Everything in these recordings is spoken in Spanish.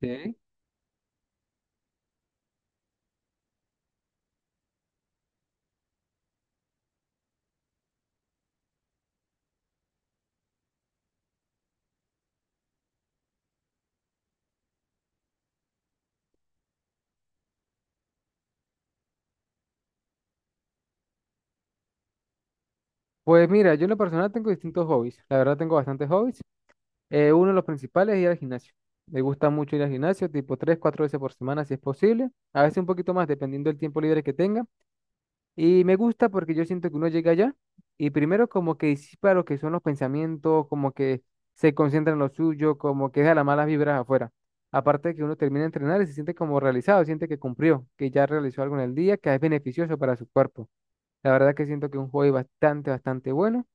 Sí. Pues mira, yo en lo personal tengo distintos hobbies. La verdad tengo bastantes hobbies. Uno de los principales es ir al gimnasio. Me gusta mucho ir al gimnasio, tipo tres, cuatro veces por semana si es posible. A veces un poquito más, dependiendo del tiempo libre que tenga. Y me gusta porque yo siento que uno llega allá y primero como que disipa lo que son los pensamientos, como que se concentra en lo suyo, como que deja las malas vibras afuera. Aparte de que uno termina de entrenar y se siente como realizado, siente que cumplió, que ya realizó algo en el día, que es beneficioso para su cuerpo. La verdad que siento que es un hobby bastante, bastante bueno.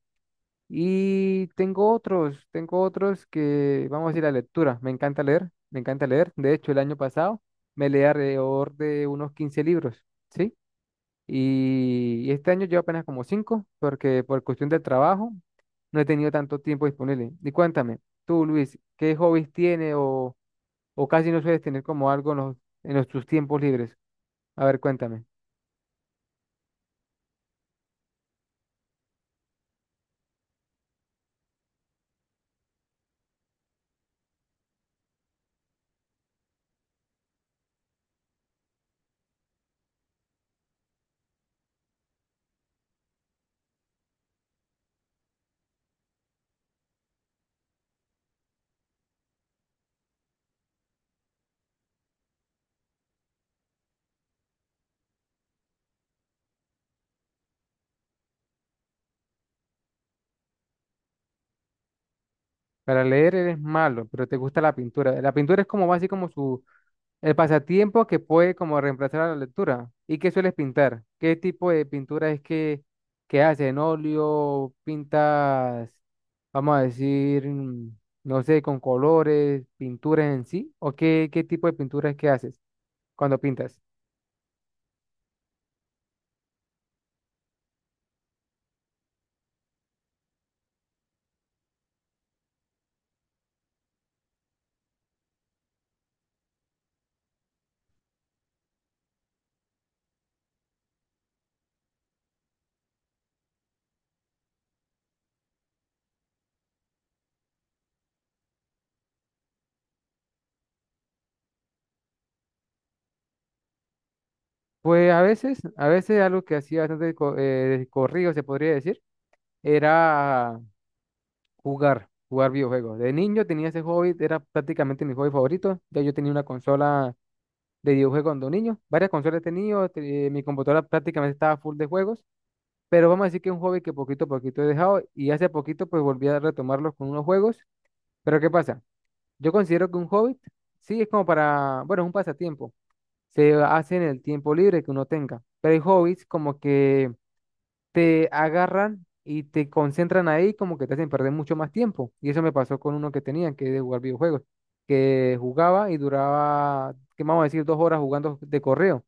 Y tengo otros que, vamos a decir, la lectura. Me encanta leer, me encanta leer. De hecho, el año pasado me leí alrededor de unos 15 libros, ¿sí? Y este año llevo apenas como 5 porque por cuestión del trabajo no he tenido tanto tiempo disponible. Y cuéntame, tú, Luis, ¿qué hobbies tiene o casi no sueles tener como algo en los, tus tiempos libres? A ver, cuéntame. Para leer eres malo, pero te gusta la pintura. La pintura es como más así como su el pasatiempo que puede como reemplazar a la lectura. ¿Y qué sueles pintar? ¿Qué tipo de pintura es que haces? ¿En óleo? ¿Pintas, vamos a decir, no sé, con colores, pinturas en sí? ¿O qué, qué tipo de pintura es que haces cuando pintas? Pues a veces algo que hacía bastante de corrido, se podría decir, era jugar videojuegos. De niño tenía ese hobby, era prácticamente mi hobby favorito. Ya yo tenía una consola de videojuegos cuando niño, varias consolas he tenido, mi computadora prácticamente estaba full de juegos, pero vamos a decir que es un hobby que poquito a poquito he dejado y hace poquito pues volví a retomarlos con unos juegos, pero ¿qué pasa? Yo considero que un hobby, sí, es como para, bueno, es un pasatiempo, se hace en el tiempo libre que uno tenga, pero hay hobbies como que te agarran y te concentran ahí como que te hacen perder mucho más tiempo y eso me pasó con uno que tenía, que es de jugar videojuegos, que jugaba y duraba, que vamos a decir, 2 horas jugando de correo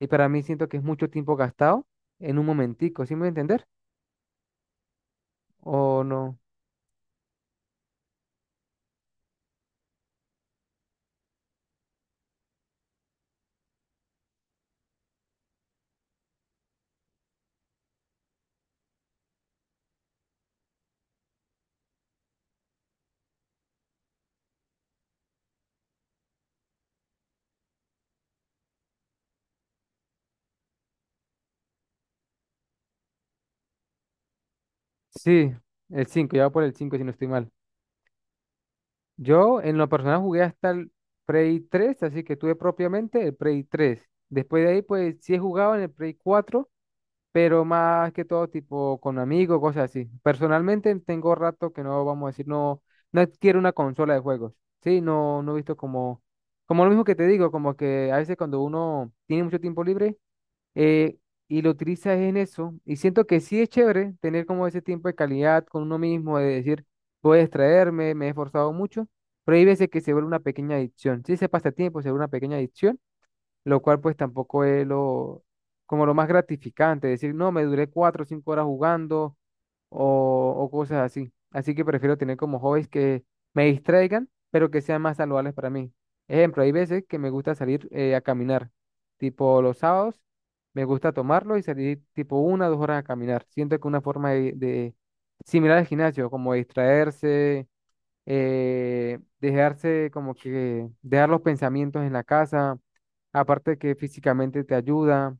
y para mí siento que es mucho tiempo gastado en un momentico, ¿sí me voy a entender? ¿O no? Sí, el 5 ya voy por el 5 si no estoy mal. Yo en lo personal jugué hasta el Prey tres, así que tuve propiamente el Prey tres. Después de ahí, pues sí he jugado en el Prey cuatro, pero más que todo tipo con amigos, cosas así. Personalmente tengo rato que no, vamos a decir, no, no adquiero una consola de juegos. Sí, no, no he visto como, lo mismo que te digo, como que a veces cuando uno tiene mucho tiempo libre eh, y lo utilizas en eso. Y siento que sí es chévere tener como ese tiempo de calidad con uno mismo, de decir, voy a distraerme, me he esforzado mucho, pero hay veces que se vuelve una pequeña adicción. Si ese pasatiempo se vuelve una pequeña adicción, lo cual pues tampoco es lo, como lo más gratificante, decir, no, me duré 4 o 5 horas jugando, o cosas así. Así que prefiero tener como hobbies que me distraigan, pero que sean más saludables para mí. Ejemplo, hay veces que me gusta salir a caminar, tipo los sábados, me gusta tomarlo y salir tipo 1 o 2 horas a caminar. Siento que una forma de, similar al gimnasio, como distraerse, dejarse como que dejar los pensamientos en la casa, aparte que físicamente te ayuda,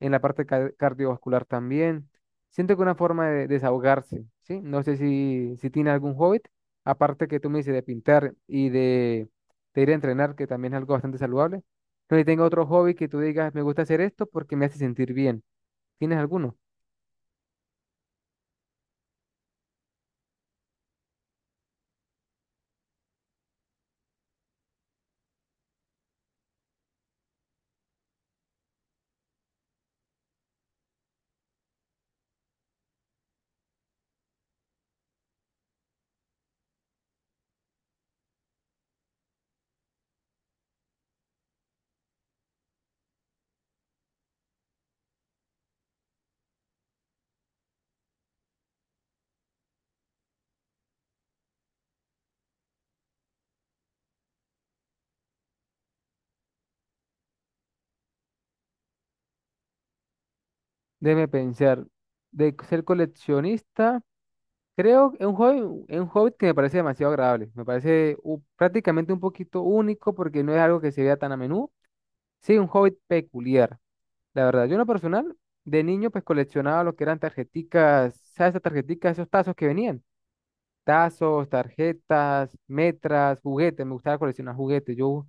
en la parte cardiovascular también. Siento que una forma de desahogarse, ¿sí? No sé si, si tiene algún hobby, aparte que tú me dices de pintar y de ir a entrenar, que también es algo bastante saludable. No sé si tengo otro hobby que tú digas, me gusta hacer esto porque me hace sentir bien. ¿Tienes alguno? Déjeme pensar. De ser coleccionista. Creo que es un hobby que me parece demasiado agradable. Me parece prácticamente un poquito único porque no es algo que se vea tan a menudo. Sí, un hobby peculiar. La verdad, yo en lo personal, de niño, pues coleccionaba lo que eran tarjeticas, ¿sabes? Esas tarjeticas, esos tazos que venían. Tazos, tarjetas, metras, juguetes. Me gustaba coleccionar juguetes. Yo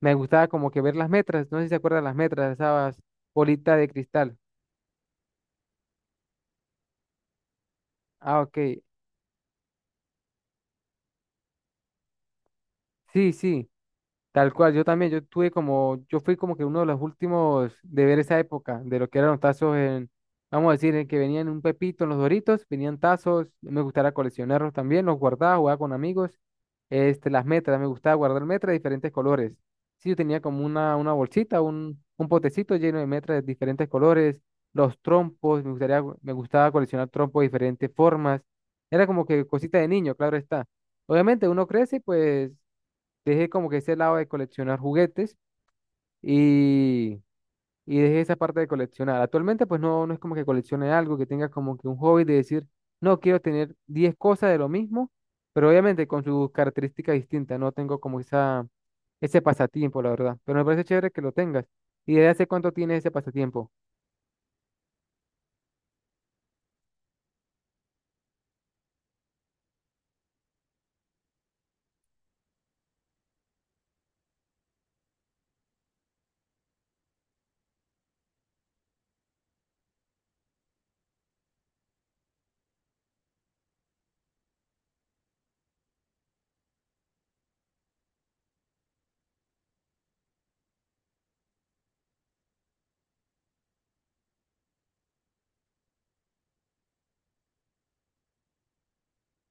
me gustaba como que ver las metras. No sé si se acuerdan las metras, esas bolitas de cristal. Ah, ok. Sí, sí. Tal cual, yo también, yo tuve como, yo fui como que uno de los últimos de ver esa época, de lo que eran los tazos en, vamos a decir, en que venían un pepito en los Doritos, venían tazos, me gustaba coleccionarlos también, los guardaba, jugaba con amigos, este, las metras, me gustaba guardar metras de diferentes colores. Sí, yo tenía como una bolsita, un potecito lleno de metras de diferentes colores, los trompos, me gustaba coleccionar trompos de diferentes formas, era como que cosita de niño, claro está. Obviamente uno crece, pues dejé como que ese lado de coleccionar juguetes y, y dejé esa parte de coleccionar. Actualmente pues no, no es como que coleccione algo, que tenga como que un hobby de decir, no, quiero tener 10 cosas de lo mismo, pero obviamente con sus características distintas, no tengo como ese pasatiempo, la verdad, pero me parece chévere que lo tengas. ¿Y desde hace cuánto tienes ese pasatiempo?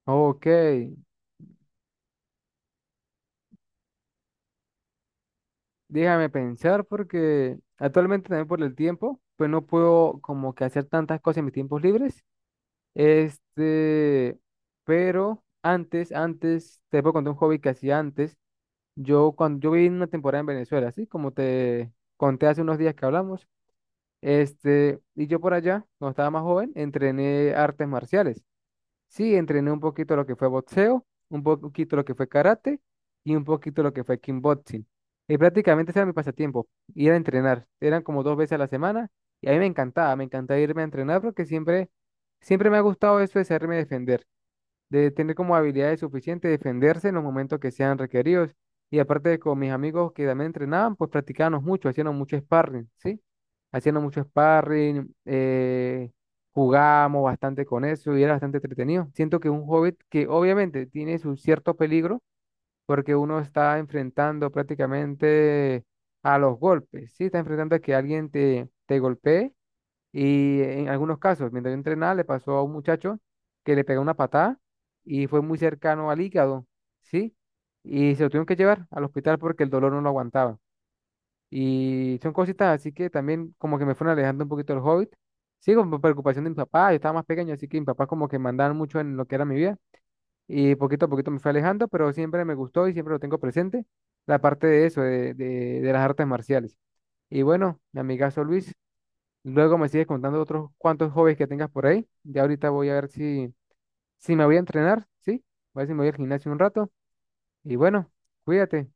Ok, déjame pensar porque actualmente también por el tiempo, pues no puedo como que hacer tantas cosas en mis tiempos libres. Este, pero antes, antes, te puedo contar un hobby que hacía antes. Yo cuando yo viví una temporada en Venezuela, así como te conté hace unos días que hablamos. Este, y yo por allá, cuando estaba más joven, entrené artes marciales. Sí, entrené un poquito lo que fue boxeo, un po poquito lo que fue karate y un poquito lo que fue kickboxing. Y prácticamente ese era mi pasatiempo, ir a entrenar. Eran como dos veces a la semana y a mí me encantaba irme a entrenar porque siempre, siempre me ha gustado eso de saberme defender, de tener como habilidades suficientes, defenderse en los momentos que sean requeridos. Y aparte de con mis amigos que también entrenaban, pues practicábamos mucho, hacíamos mucho sparring, ¿sí? Haciendo mucho sparring, jugábamos bastante con eso y era bastante entretenido. Siento que un hobbit que obviamente tiene su cierto peligro, porque uno está enfrentando prácticamente a los golpes, ¿sí? Está enfrentando a que alguien te, te golpee y en algunos casos, mientras yo entrenaba, le pasó a un muchacho que le pegó una patada y fue muy cercano al hígado, ¿sí? Y se lo tuvieron que llevar al hospital porque el dolor no lo aguantaba. Y son cositas así que también como que me fueron alejando un poquito del hobbit. Sí, con preocupación de mi papá, yo estaba más pequeño, así que mi papá como que mandaba mucho en lo que era mi vida. Y poquito a poquito me fue alejando, pero siempre me gustó y siempre lo tengo presente, la parte de eso, de, de las artes marciales. Y bueno, mi amigazo Luis, luego me sigues contando otros cuantos hobbies que tengas por ahí. Ya ahorita voy a ver si, si me voy a entrenar, ¿sí? Voy a ver si me voy al gimnasio un rato. Y bueno, cuídate.